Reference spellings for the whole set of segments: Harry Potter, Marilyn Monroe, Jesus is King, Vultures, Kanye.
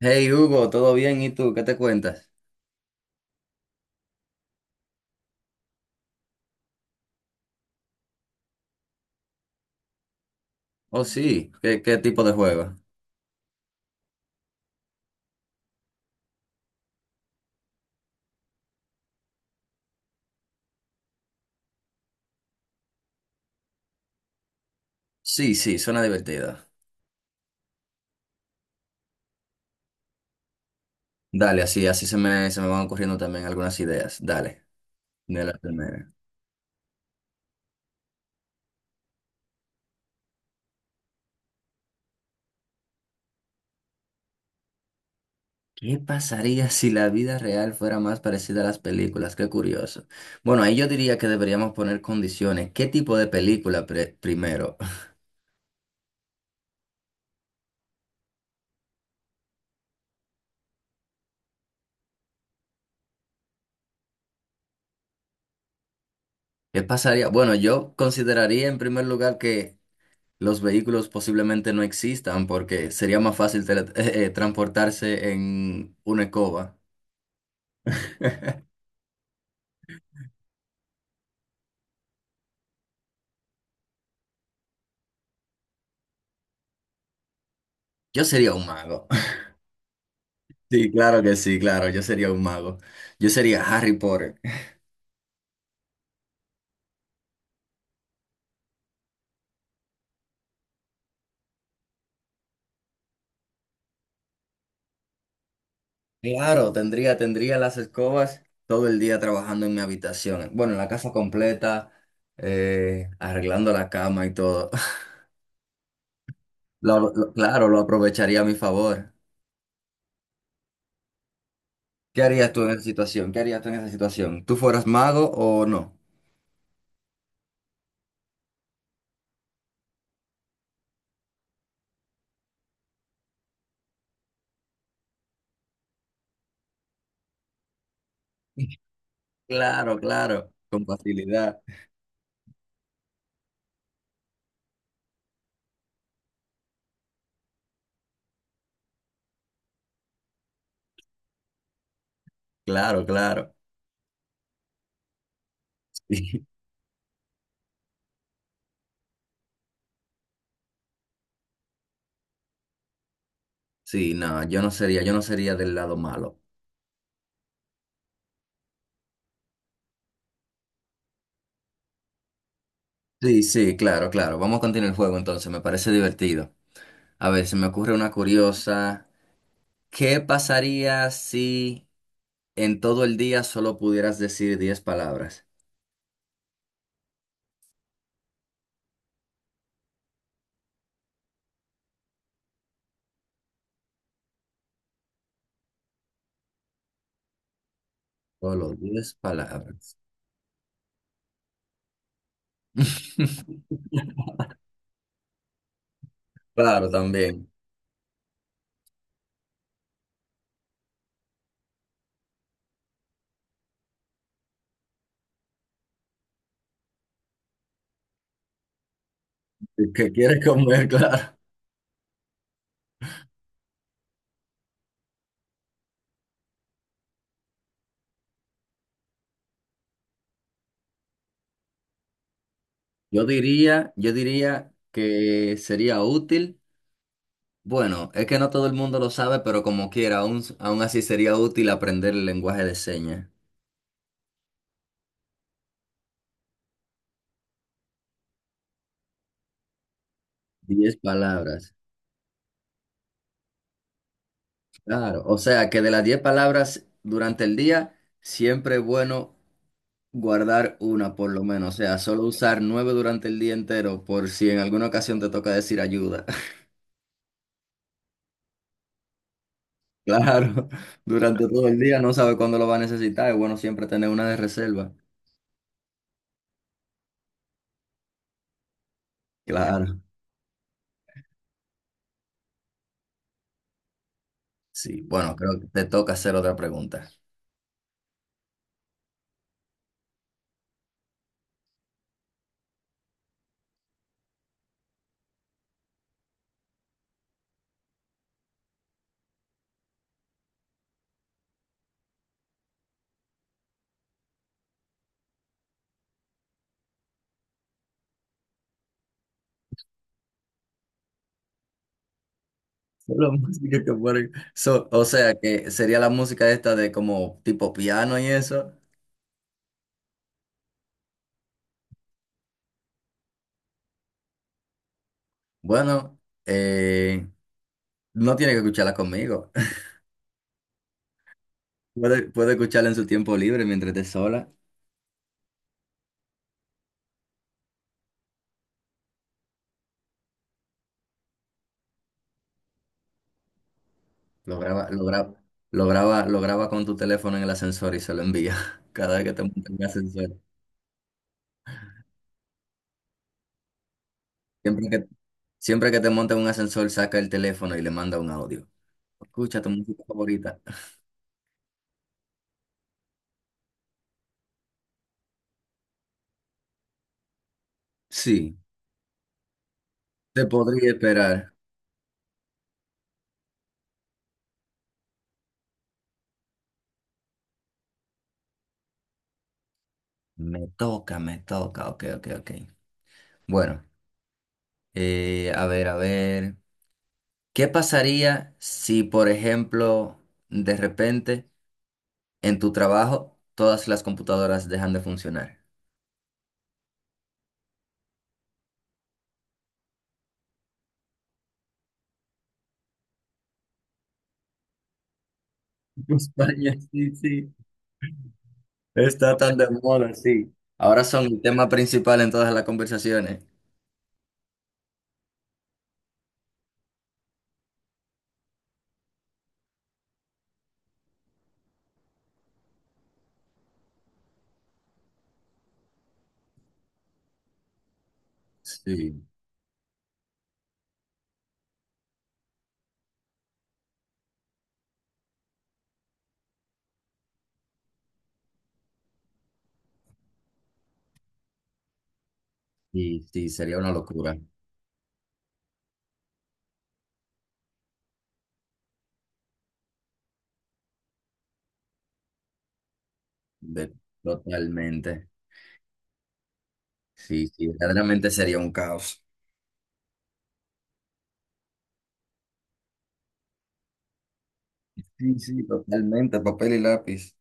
Hey Hugo, ¿todo bien? ¿Y tú? ¿Qué te cuentas? Oh, sí, ¿qué tipo de juego? Sí, sí, suena divertido. Dale, así, así se me van ocurriendo también algunas ideas. Dale, de la primera. ¿Qué pasaría si la vida real fuera más parecida a las películas? Qué curioso. Bueno, ahí yo diría que deberíamos poner condiciones. ¿Qué tipo de película primero? ¿Qué pasaría? Bueno, yo consideraría en primer lugar que los vehículos posiblemente no existan porque sería más fácil transportarse en una escoba. Yo sería un mago. Sí, claro que sí, claro, yo sería un mago. Yo sería Harry Potter. Claro, tendría las escobas todo el día trabajando en mi habitación. Bueno, en la casa completa, arreglando la cama y todo. Claro, lo aprovecharía a mi favor. ¿Qué harías tú en esa situación? ¿Qué harías tú en esa situación? ¿Tú fueras mago o no? Claro, claro, con facilidad. Claro, claro. Sí, no, yo no sería del lado malo. Sí, sí, claro, claro. Vamos a continuar el juego entonces, me parece divertido. A ver, se me ocurre una curiosa. ¿Qué pasaría si en todo el día solo pudieras decir 10 palabras? Solo 10 palabras. Claro, también. El que quiere comer, claro. Yo diría que sería útil. Bueno, es que no todo el mundo lo sabe, pero como quiera, aún así sería útil aprender el lenguaje de señas. 10 palabras. Claro, o sea que de las 10 palabras durante el día, siempre es bueno guardar una por lo menos. O sea, solo usar nueve durante el día entero por si en alguna ocasión te toca decir ayuda. Claro, durante todo el día no sabe cuándo lo va a necesitar. Es bueno siempre tener una de reserva. Claro, sí. Bueno, creo que te toca hacer otra pregunta. Solo música que o sea que sería la música esta de como tipo piano y eso. Bueno, eh, no tiene que escucharla conmigo. Puede escucharla en su tiempo libre mientras esté sola. Lo graba, lo graba, lo graba con tu teléfono en el ascensor y se lo envía. Cada vez que te monta en un ascensor. Siempre que, siempre que te monta en un ascensor, saca el teléfono y le manda un audio. Escucha tu música favorita. Sí, te podría esperar. Me toca, me toca. Ok, ok, ok. Bueno, a ver, a ver. ¿Qué pasaría si, por ejemplo, de repente en tu trabajo todas las computadoras dejan de funcionar? España, sí, sí. Está tan de moda, sí. Ahora son el tema principal en todas las conversaciones. Sí, sí, sí, sería una locura. De- totalmente. Sí, sí, verdaderamente sería un caos. Sí, sí, totalmente, papel y lápiz.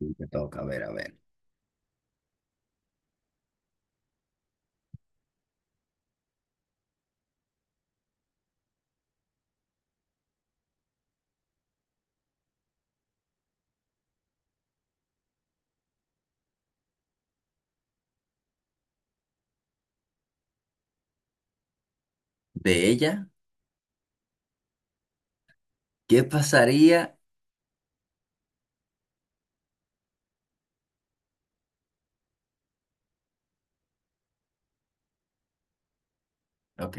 Sí, te toca, a ver, a ver. De ella, ¿qué pasaría? Ok.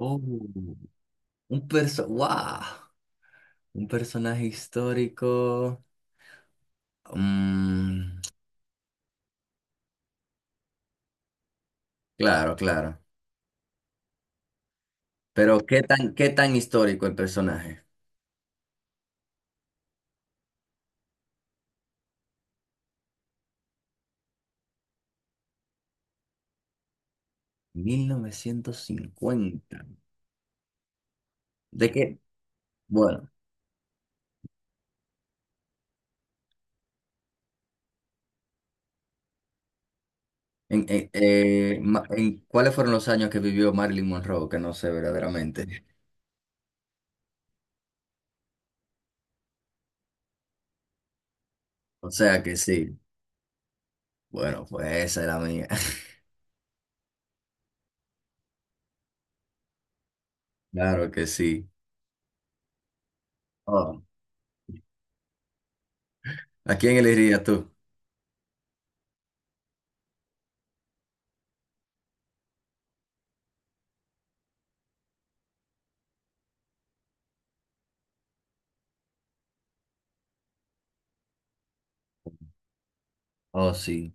Oh, wow, un personaje histórico. Mm, claro, claro. Pero ¿qué tan histórico el personaje? 1950. ¿De qué? Bueno, ¿cuáles fueron los años que vivió Marilyn Monroe? Que no sé verdaderamente. O sea que sí. Bueno, pues esa era mía. Claro que sí. Oh, ¿a quién elegirías tú? Oh, sí.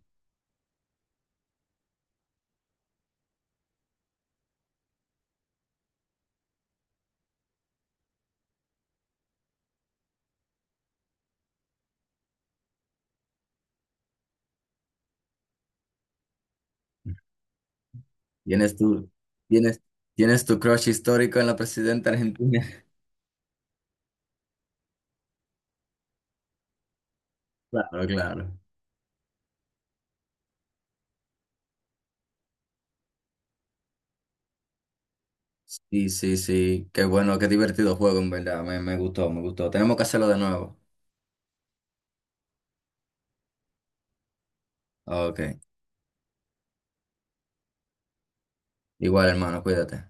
¿Tienes tienes, tienes tu crush histórico en la presidenta argentina? Claro, claro. Sí, sí, sí. Qué bueno, qué divertido juego, en verdad. Me gustó, me gustó. Tenemos que hacerlo de nuevo. Ok. Igual, hermano, cuídate.